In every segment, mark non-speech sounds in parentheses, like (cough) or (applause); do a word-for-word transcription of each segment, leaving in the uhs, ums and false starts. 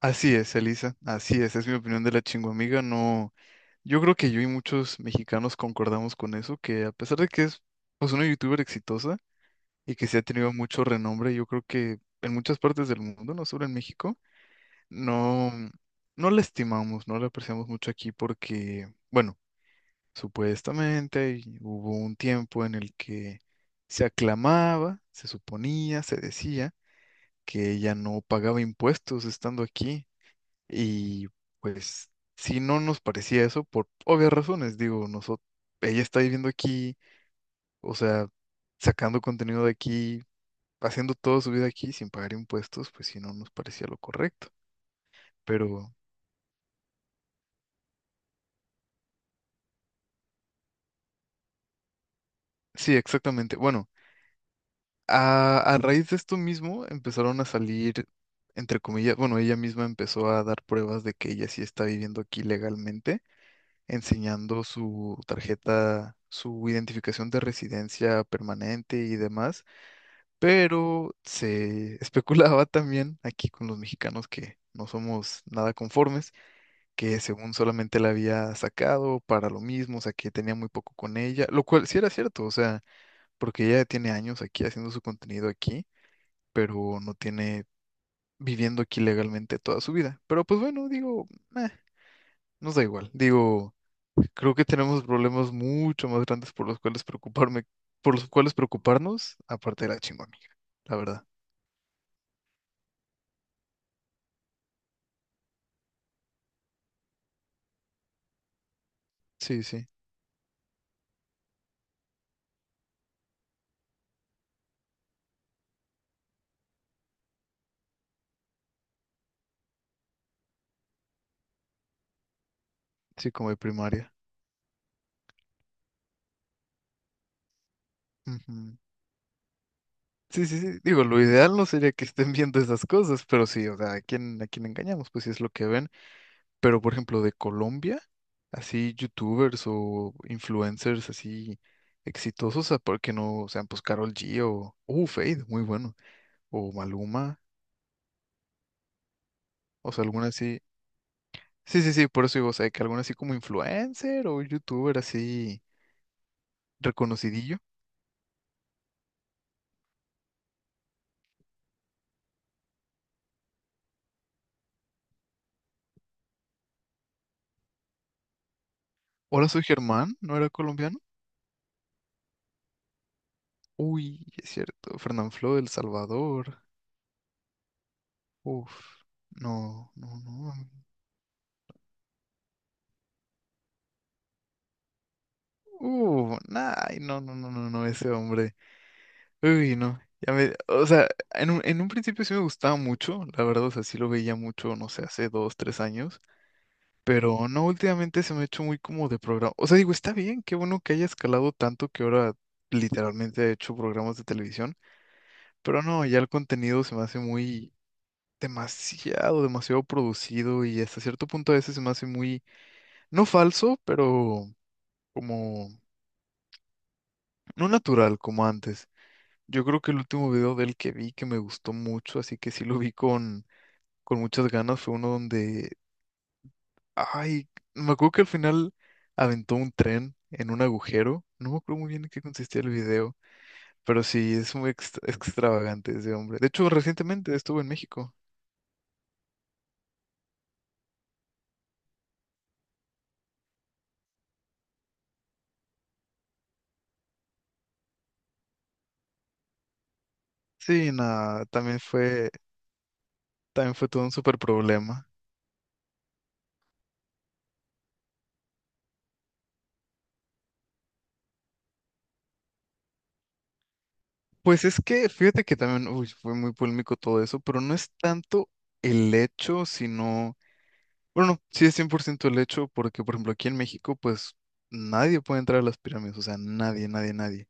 Así es, Elisa, así es, es mi opinión de la chingüamiga, no, yo creo que yo y muchos mexicanos concordamos con eso, que a pesar de que es pues una youtuber exitosa y que se ha tenido mucho renombre, yo creo que en muchas partes del mundo, no solo en México, no, no la estimamos, no la apreciamos mucho aquí porque, bueno, supuestamente y hubo un tiempo en el que se aclamaba, se suponía, se decía que ella no pagaba impuestos estando aquí y pues si no nos parecía eso, por obvias razones, digo, nosotros, ella está viviendo aquí, o sea, sacando contenido de aquí, haciendo toda su vida aquí sin pagar impuestos, pues si no nos parecía lo correcto. Pero sí, exactamente. Bueno, a, a raíz de esto mismo empezaron a salir, entre comillas, bueno, ella misma empezó a dar pruebas de que ella sí está viviendo aquí legalmente, enseñando su tarjeta, su identificación de residencia permanente y demás, pero se especulaba también aquí con los mexicanos que no somos nada conformes, que según solamente la había sacado para lo mismo, o sea, que tenía muy poco con ella, lo cual sí era cierto, o sea, porque ella tiene años aquí haciendo su contenido aquí, pero no tiene viviendo aquí legalmente toda su vida. Pero pues bueno, digo, eh, nos da igual, digo, creo que tenemos problemas mucho más grandes por los cuales preocuparme, por los cuales preocuparnos, aparte de la chingona, la verdad. Sí, sí. Sí, como de primaria. Ujú. Sí, sí, sí. Digo, lo ideal no sería que estén (laughs) viendo esas cosas, pero sí, o sea, ¿a quién, a quién engañamos? Pues sí es lo que ven. Pero, por ejemplo, de Colombia, así youtubers o influencers así exitosos, ¿a por qué no sean pues Karol G o uh, Fade, muy bueno, o Maluma, o sea, alguna así. Sí, sí, sí, por eso digo, o sea, que alguna así como influencer o youtuber así reconocidillo. Hola, soy Germán, ¿no era colombiano? Uy, es cierto, Fernanfloo del Salvador. Uf, no, no, no. Uh, nah, ay, no, no, no, no, no, ese hombre. Uy, no. Ya me, o sea, en un, en un principio sí me gustaba mucho, la verdad, o sea, sí lo veía mucho, no sé, hace dos, tres años, pero no, últimamente se me ha hecho muy como de programa. O sea, digo, está bien, qué bueno que haya escalado tanto que ahora literalmente ha hecho programas de televisión, pero no, ya el contenido se me hace muy demasiado, demasiado producido y hasta cierto punto a veces se me hace muy, no falso, pero como no natural como antes. Yo creo que el último video del que vi que me gustó mucho, así que sí lo vi con, con muchas ganas, fue uno donde, ay, me acuerdo que al final aventó un tren en un agujero. No me acuerdo muy bien en qué consistía el video, pero sí, es muy extra- extravagante ese hombre. De hecho, recientemente estuvo en México. Sí, nada, también fue, también fue todo un súper problema. Pues es que, fíjate que también, uy, fue muy polémico todo eso, pero no es tanto el hecho, sino bueno, no, sí es cien por ciento el hecho porque, por ejemplo, aquí en México, pues nadie puede entrar a las pirámides, o sea, nadie, nadie, nadie.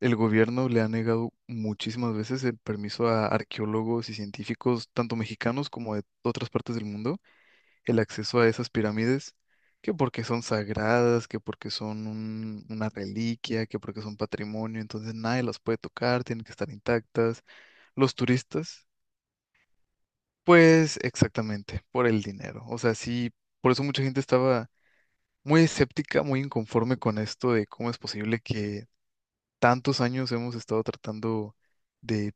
El gobierno le ha negado muchísimas veces el permiso a arqueólogos y científicos, tanto mexicanos como de otras partes del mundo, el acceso a esas pirámides, que porque son sagradas, que porque son un- una reliquia, que porque son patrimonio, entonces nadie las puede tocar, tienen que estar intactas. Los turistas, pues exactamente, por el dinero. O sea, sí, por eso mucha gente estaba muy escéptica, muy inconforme con esto de cómo es posible que tantos años hemos estado tratando de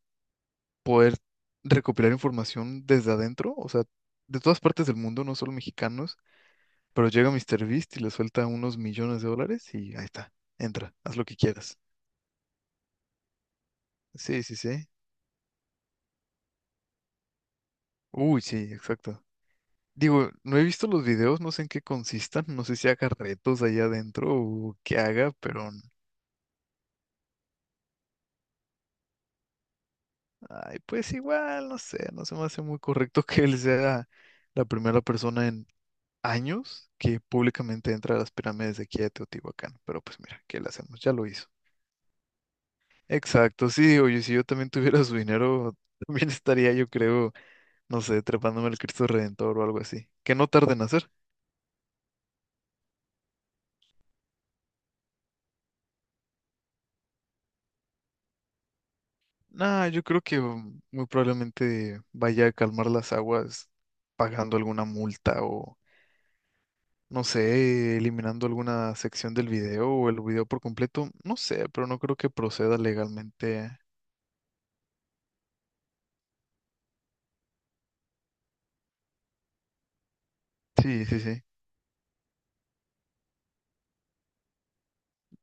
poder recopilar información desde adentro, o sea, de todas partes del mundo, no solo mexicanos, pero llega Mister MrBeast y le suelta unos millones de dólares y ahí está, entra, haz lo que quieras. Sí, sí, sí. Uy, sí, exacto. Digo, no he visto los videos, no sé en qué consistan, no sé si haga retos allá adentro o qué haga, pero ay, pues igual, no sé, no se me hace muy correcto que él sea la primera persona en años que públicamente entra a las pirámides de aquí de Teotihuacán. Pero pues mira, ¿qué le hacemos? Ya lo hizo. Exacto, sí, oye, si yo también tuviera su dinero, (laughs) también estaría, yo creo, no sé, trepándome al Cristo Redentor o algo así. Que no tarde en hacer. Nah, yo creo que mm, muy probablemente vaya a calmar las aguas pagando alguna multa o no sé, eliminando alguna sección del video o el video por completo, no sé, pero no creo que proceda legalmente. Sí, sí, sí.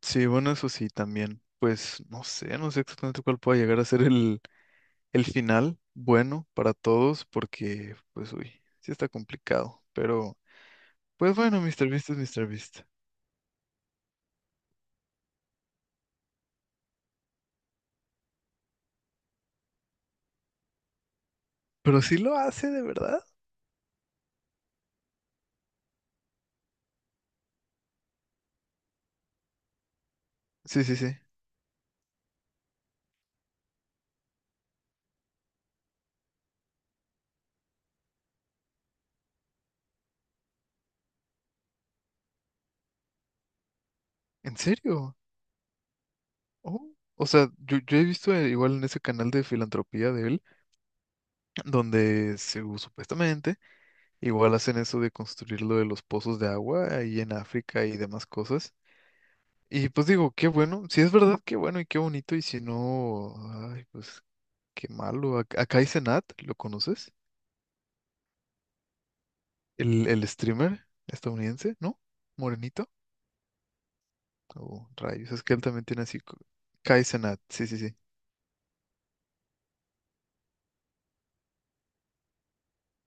Sí, bueno, eso sí, también. Pues no sé, no sé exactamente cuál pueda llegar a ser el, el final bueno para todos, porque, pues, uy, sí está complicado. Pero, pues bueno, mister Beast es mister Beast. Pero sí lo hace, de verdad. Sí, sí, sí. ¿En serio? Oh, o sea, yo, yo he visto eh, igual en ese canal de filantropía de él, donde se, supuestamente igual hacen eso de construir lo de los pozos de agua ahí en África y demás cosas. Y pues digo, qué bueno, si es verdad, qué bueno y qué bonito, y si no, ay, pues qué malo. Ac- Acá hay Senat, ¿lo conoces? El, el streamer estadounidense, ¿no? Morenito. Oh, rayos, es que él también tiene así. co- Kai Cenat, sí, sí, sí.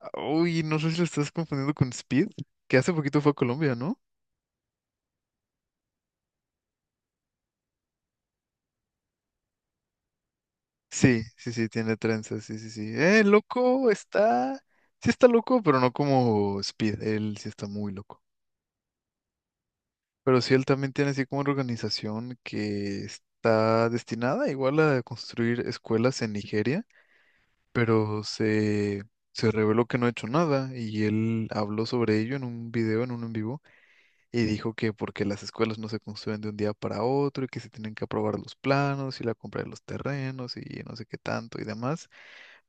Ah, uy, no sé si lo estás confundiendo con Speed, que hace poquito fue a Colombia, ¿no? Sí, sí, sí, tiene trenzas, sí, sí, sí. Eh, loco, está, sí está loco, pero no como Speed, él sí está muy loco. Pero sí, él también tiene así como una organización que está destinada igual a construir escuelas en Nigeria, pero se, se reveló que no ha hecho nada y él habló sobre ello en un video, en un en vivo, y dijo que porque las escuelas no se construyen de un día para otro y que se tienen que aprobar los planos y la compra de los terrenos y no sé qué tanto y demás,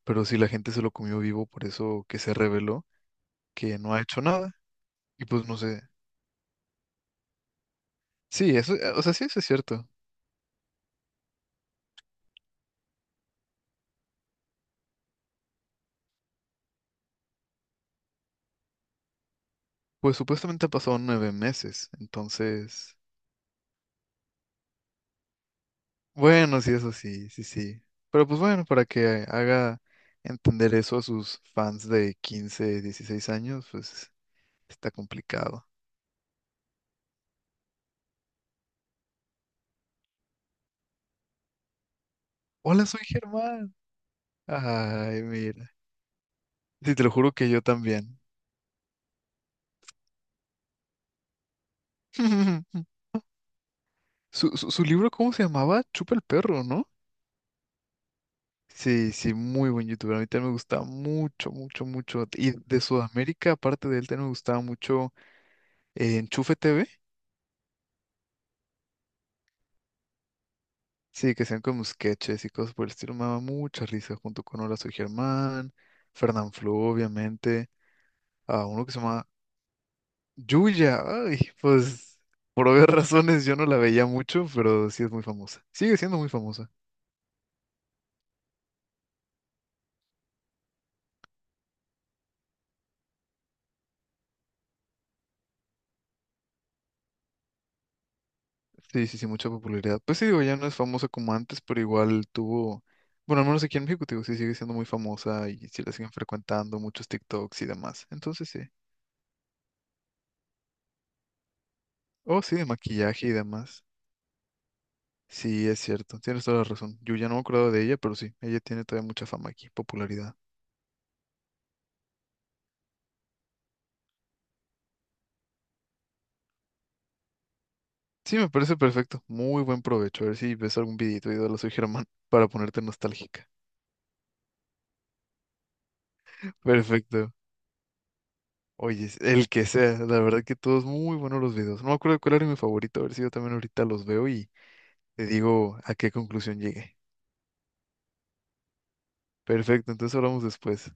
pero si la gente se lo comió vivo, por eso que se reveló que no ha hecho nada. Y pues no sé. Sí, eso, eh, o sea, sí, eso es cierto. Pues supuestamente ha pasado nueve meses, entonces, bueno, sí, eso sí, sí, sí. Pero pues bueno, para que haga entender eso a sus fans de quince, dieciséis años, pues está complicado. Hola, soy Germán. Ay, mira. Sí, te lo juro que yo también. (laughs) Su, su, su libro, ¿cómo se llamaba? Chupa el perro, ¿no? Sí, sí, muy buen youtuber. A mí también me gustaba mucho, mucho, mucho. Y de Sudamérica, aparte de él, también me gustaba mucho eh, Enchufe T V. Sí, que sean como sketches y cosas por el estilo. Me daba mucha risa junto con Hola, soy Germán, Fernán Flo, obviamente. A uno que se llama Yuya. Ay, pues por obvias (laughs) razones yo no la veía mucho, pero sí es muy famosa. Sigue siendo muy famosa. Sí, sí, sí, mucha popularidad. Pues sí, digo, ya no es famosa como antes, pero igual tuvo, bueno, al menos aquí en México, te digo, sí sigue siendo muy famosa y sí la siguen frecuentando muchos TikToks y demás. Entonces sí. Oh, sí, de maquillaje y demás. Sí, es cierto, tienes toda la razón. Yo ya no me acuerdo de ella, pero sí, ella tiene todavía mucha fama aquí, popularidad. Sí, me parece perfecto. Muy buen provecho. A ver si ves algún videito de Hola, soy Germán (laughs) para ponerte nostálgica. (laughs) Perfecto. Oye, el que sea, la verdad que todos muy buenos los videos. No me acuerdo cuál era mi favorito, a ver si yo también ahorita los veo y te digo a qué conclusión llegué. Perfecto, entonces hablamos después.